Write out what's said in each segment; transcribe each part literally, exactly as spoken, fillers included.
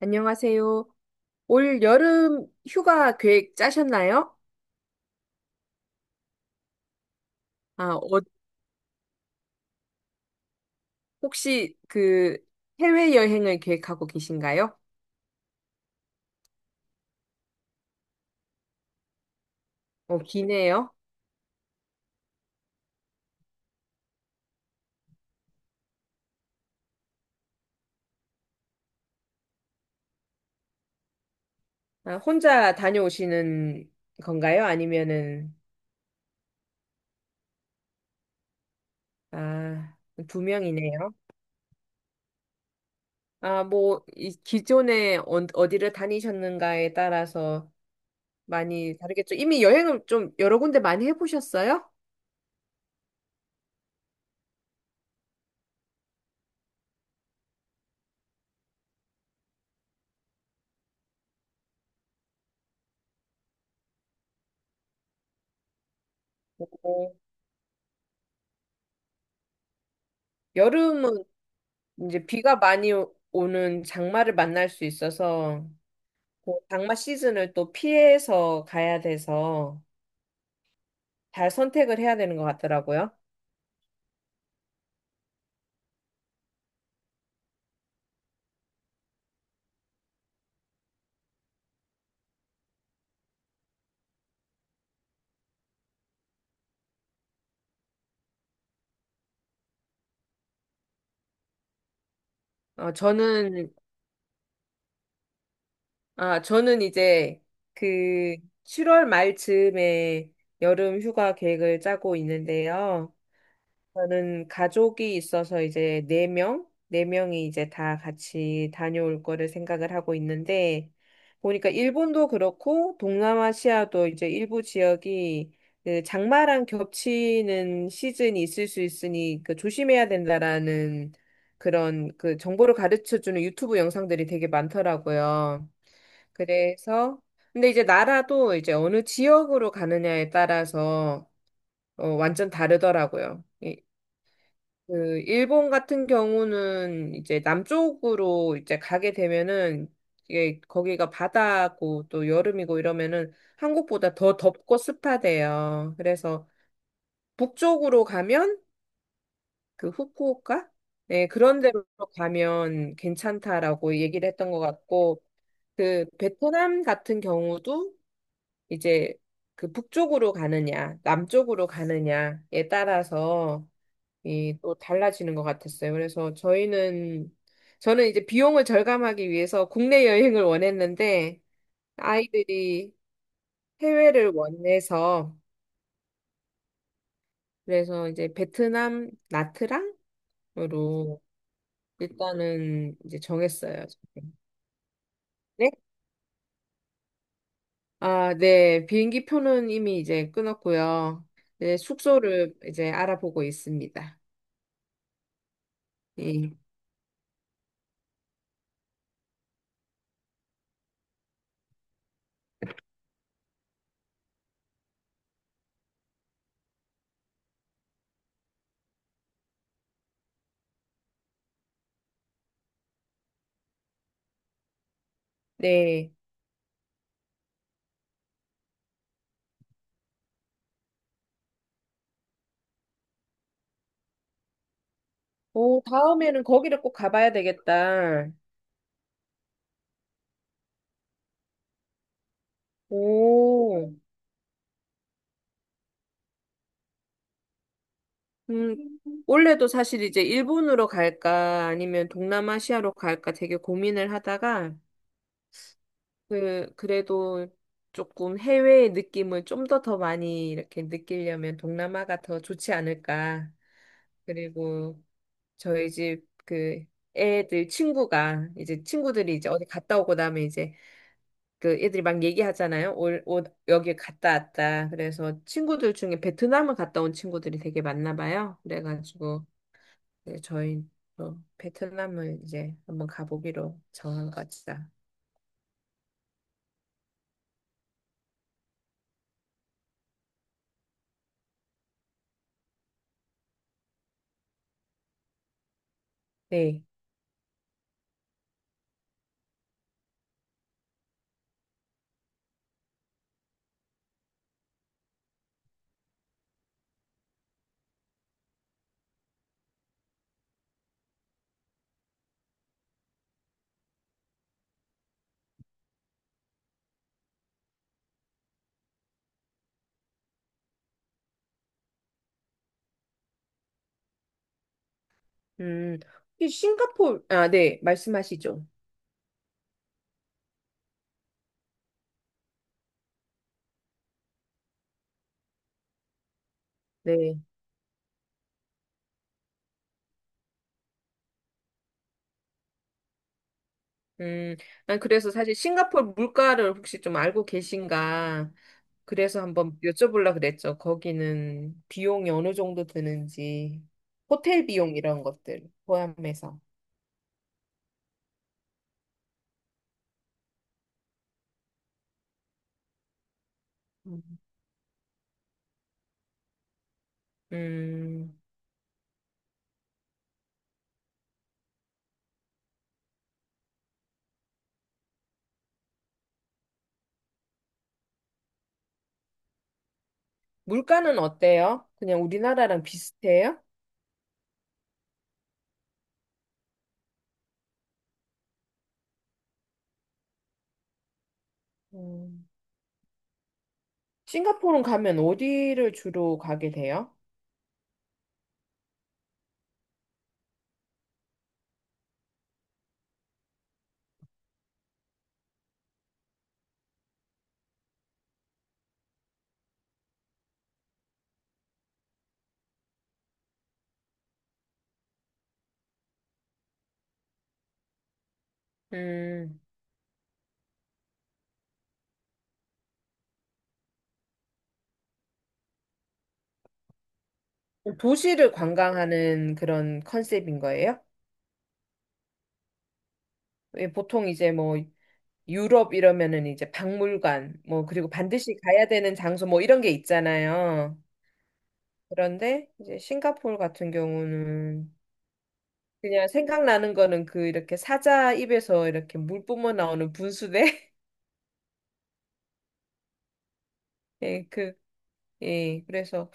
안녕하세요. 올 여름 휴가 계획 짜셨나요? 아, 어, 혹시 그 해외여행을 계획하고 계신가요? 어, 기네요. 아, 혼자 다녀오시는 건가요? 아니면은, 아, 두 명이네요. 아, 뭐, 이 기존에 어, 어디를 다니셨는가에 따라서 많이 다르겠죠. 이미 여행을 좀 여러 군데 많이 해보셨어요? 어, 여름은 이제 비가 많이 오- 오는 장마를 만날 수 있어서 그 장마 시즌을 또 피해서 가야 돼서 잘 선택을 해야 되는 것 같더라고요. 어, 저는, 아, 저는 이제 그 칠월 말 즈음에 여름 휴가 계획을 짜고 있는데요. 저는 가족이 있어서 이제 네 명, 네 명이 이제 다 같이 다녀올 거를 생각을 하고 있는데 보니까 일본도 그렇고 동남아시아도 이제 일부 지역이 그 장마랑 겹치는 시즌이 있을 수 있으니 그 조심해야 된다라는 그런 그 정보를 가르쳐 주는 유튜브 영상들이 되게 많더라고요. 그래서 근데 이제 나라도 이제 어느 지역으로 가느냐에 따라서 어, 완전 다르더라고요. 그 일본 같은 경우는 이제 남쪽으로 이제 가게 되면은 이게 거기가 바다고 또 여름이고 이러면은 한국보다 더 덥고 습하대요. 그래서 북쪽으로 가면 그 후쿠오카? 네, 그런 데로 가면 괜찮다라고 얘기를 했던 것 같고 그 베트남 같은 경우도 이제 그 북쪽으로 가느냐, 남쪽으로 가느냐에 따라서 이 또 달라지는 것 같았어요. 그래서 저희는 저는 이제 비용을 절감하기 위해서 국내 여행을 원했는데 아이들이 해외를 원해서 그래서 이제 베트남 나트랑으로 일단은 이제 정했어요. 네? 아, 네. 비행기 표는 이미 이제 끊었고요. 이제 숙소를 이제 알아보고 있습니다. 예. 네. 오, 다음에는 거기를 꼭 가봐야 되겠다. 오. 음, 원래도 사실 이제 일본으로 갈까 아니면 동남아시아로 갈까 되게 고민을 하다가 그 그래도 조금 해외의 느낌을 좀 더 더 많이 이렇게 느끼려면 동남아가 더 좋지 않을까. 그리고 저희 집 그 애들 친구가 이제 친구들이 이제 어디 갔다 오고 나면 이제 그 애들이 막 얘기하잖아요. 올, 올 여기 갔다 왔다. 그래서 친구들 중에 베트남을 갔다 온 친구들이 되게 많나 봐요. 그래가지고 네, 저희 또 베트남을 이제 한번 가보기로 정한 것이다. 네. 음, 이 싱가포르, 아, 네, 말씀하시죠. 네. 음, 난 그래서 사실 싱가포르 물가를 혹시 좀 알고 계신가? 그래서 한번 여쭤보려고 그랬죠. 거기는 비용이 어느 정도 드는지, 호텔 비용 이런 것들 포함해서. 음, 음, 물가는 어때요? 그냥 우리나라랑 비슷해요? 음. 싱가포르 가면 어디를 주로 가게 돼요? 음, 도시를 관광하는 그런 컨셉인 거예요? 왜 보통 이제 뭐 유럽 이러면은 이제 박물관, 뭐 그리고 반드시 가야 되는 장소 뭐 이런 게 있잖아요. 그런데 이제 싱가포르 같은 경우는 그냥 생각나는 거는 그 이렇게 사자 입에서 이렇게 물 뿜어 나오는 분수대? 예, 그, 예, 그래서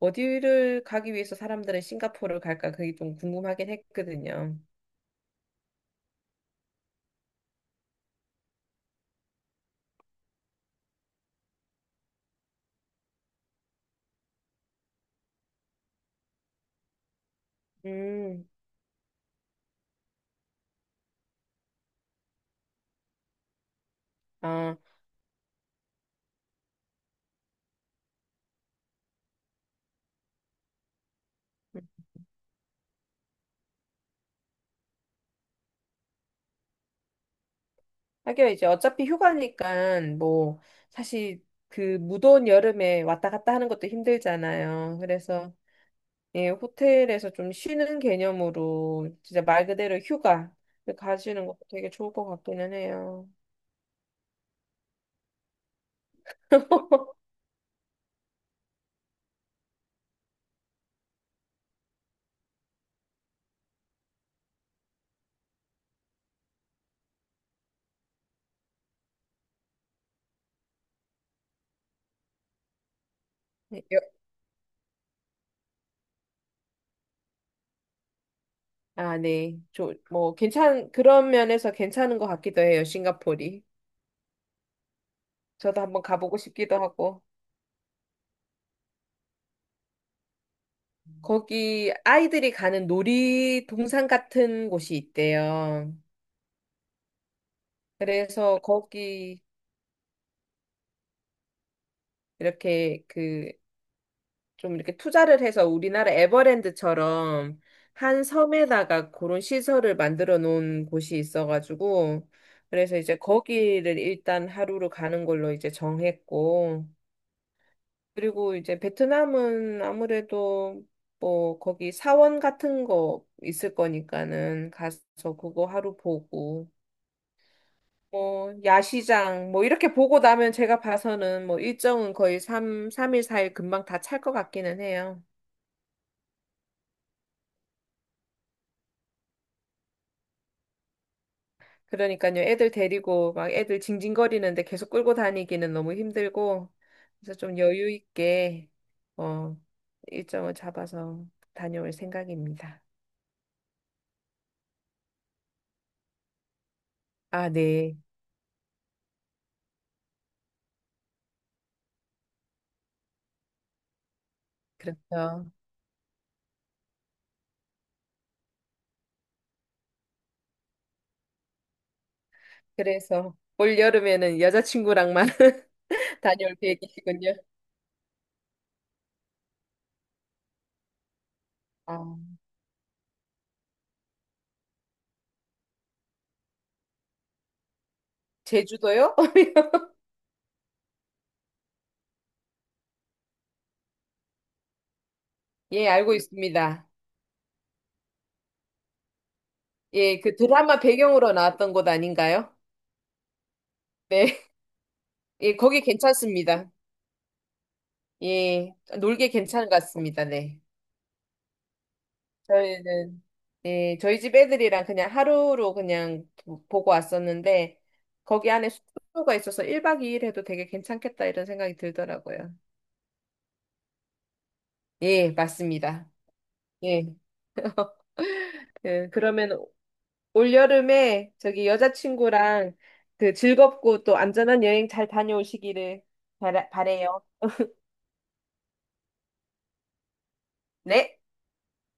어디를 가기 위해서 사람들은 싱가포르를 갈까 그게 좀 궁금하긴 했거든요. 음, 아, 음. 하긴 이제 어차피 휴가니까 뭐 사실 그 무더운 여름에 왔다 갔다 하는 것도 힘들잖아요. 그래서 예, 호텔에서 좀 쉬는 개념으로 진짜 말 그대로 휴가 가시는 것도 되게 좋을 것 같기는 해요. 예, 여- 아, 네. 저, 뭐 괜찮 그런 면에서 괜찮은 것 같기도 해요. 싱가포르이. 저도 한번 가보고 싶기도 하고. 거기 아이들이 가는 놀이동산 같은 곳이 있대요. 그래서 거기 이렇게 그 좀 이렇게 투자를 해서 우리나라 에버랜드처럼 한 섬에다가 그런 시설을 만들어 놓은 곳이 있어가지고 그래서 이제 거기를 일단 하루로 가는 걸로 이제 정했고 그리고 이제 베트남은 아무래도 뭐 거기 사원 같은 거 있을 거니까는 가서 그거 하루 보고 뭐 야시장 뭐 이렇게 보고 나면 제가 봐서는 뭐 일정은 거의 삼삼일사일 금방 다 찰 것 같기는 해요. 그러니까요. 애들 데리고 막 애들 징징거리는데 계속 끌고 다니기는 너무 힘들고 그래서 좀 여유 있게 어 일정을 잡아서 다녀올 생각입니다. 아, 네. 그렇죠. 그래서 올 여름에는 여자친구랑만 다녀올 계획이시군요. 아, 제주도요? 예, 알고 있습니다. 예, 그 드라마 배경으로 나왔던 곳 아닌가요? 네. 예, 거기 괜찮습니다. 예, 놀기 괜찮은 것 같습니다. 네. 저희는, 예, 저희 집 애들이랑 그냥 하루로 그냥 보- 보고 왔었는데, 거기 안에 숙소가 있어서 일박 이일 해도 되게 괜찮겠다 이런 생각이 들더라고요. 예, 맞습니다. 예. 그, 그러면 올여름에 저기 여자친구랑 그 즐겁고 또 안전한 여행 잘 다녀오시기를 바라, 바래요. 네.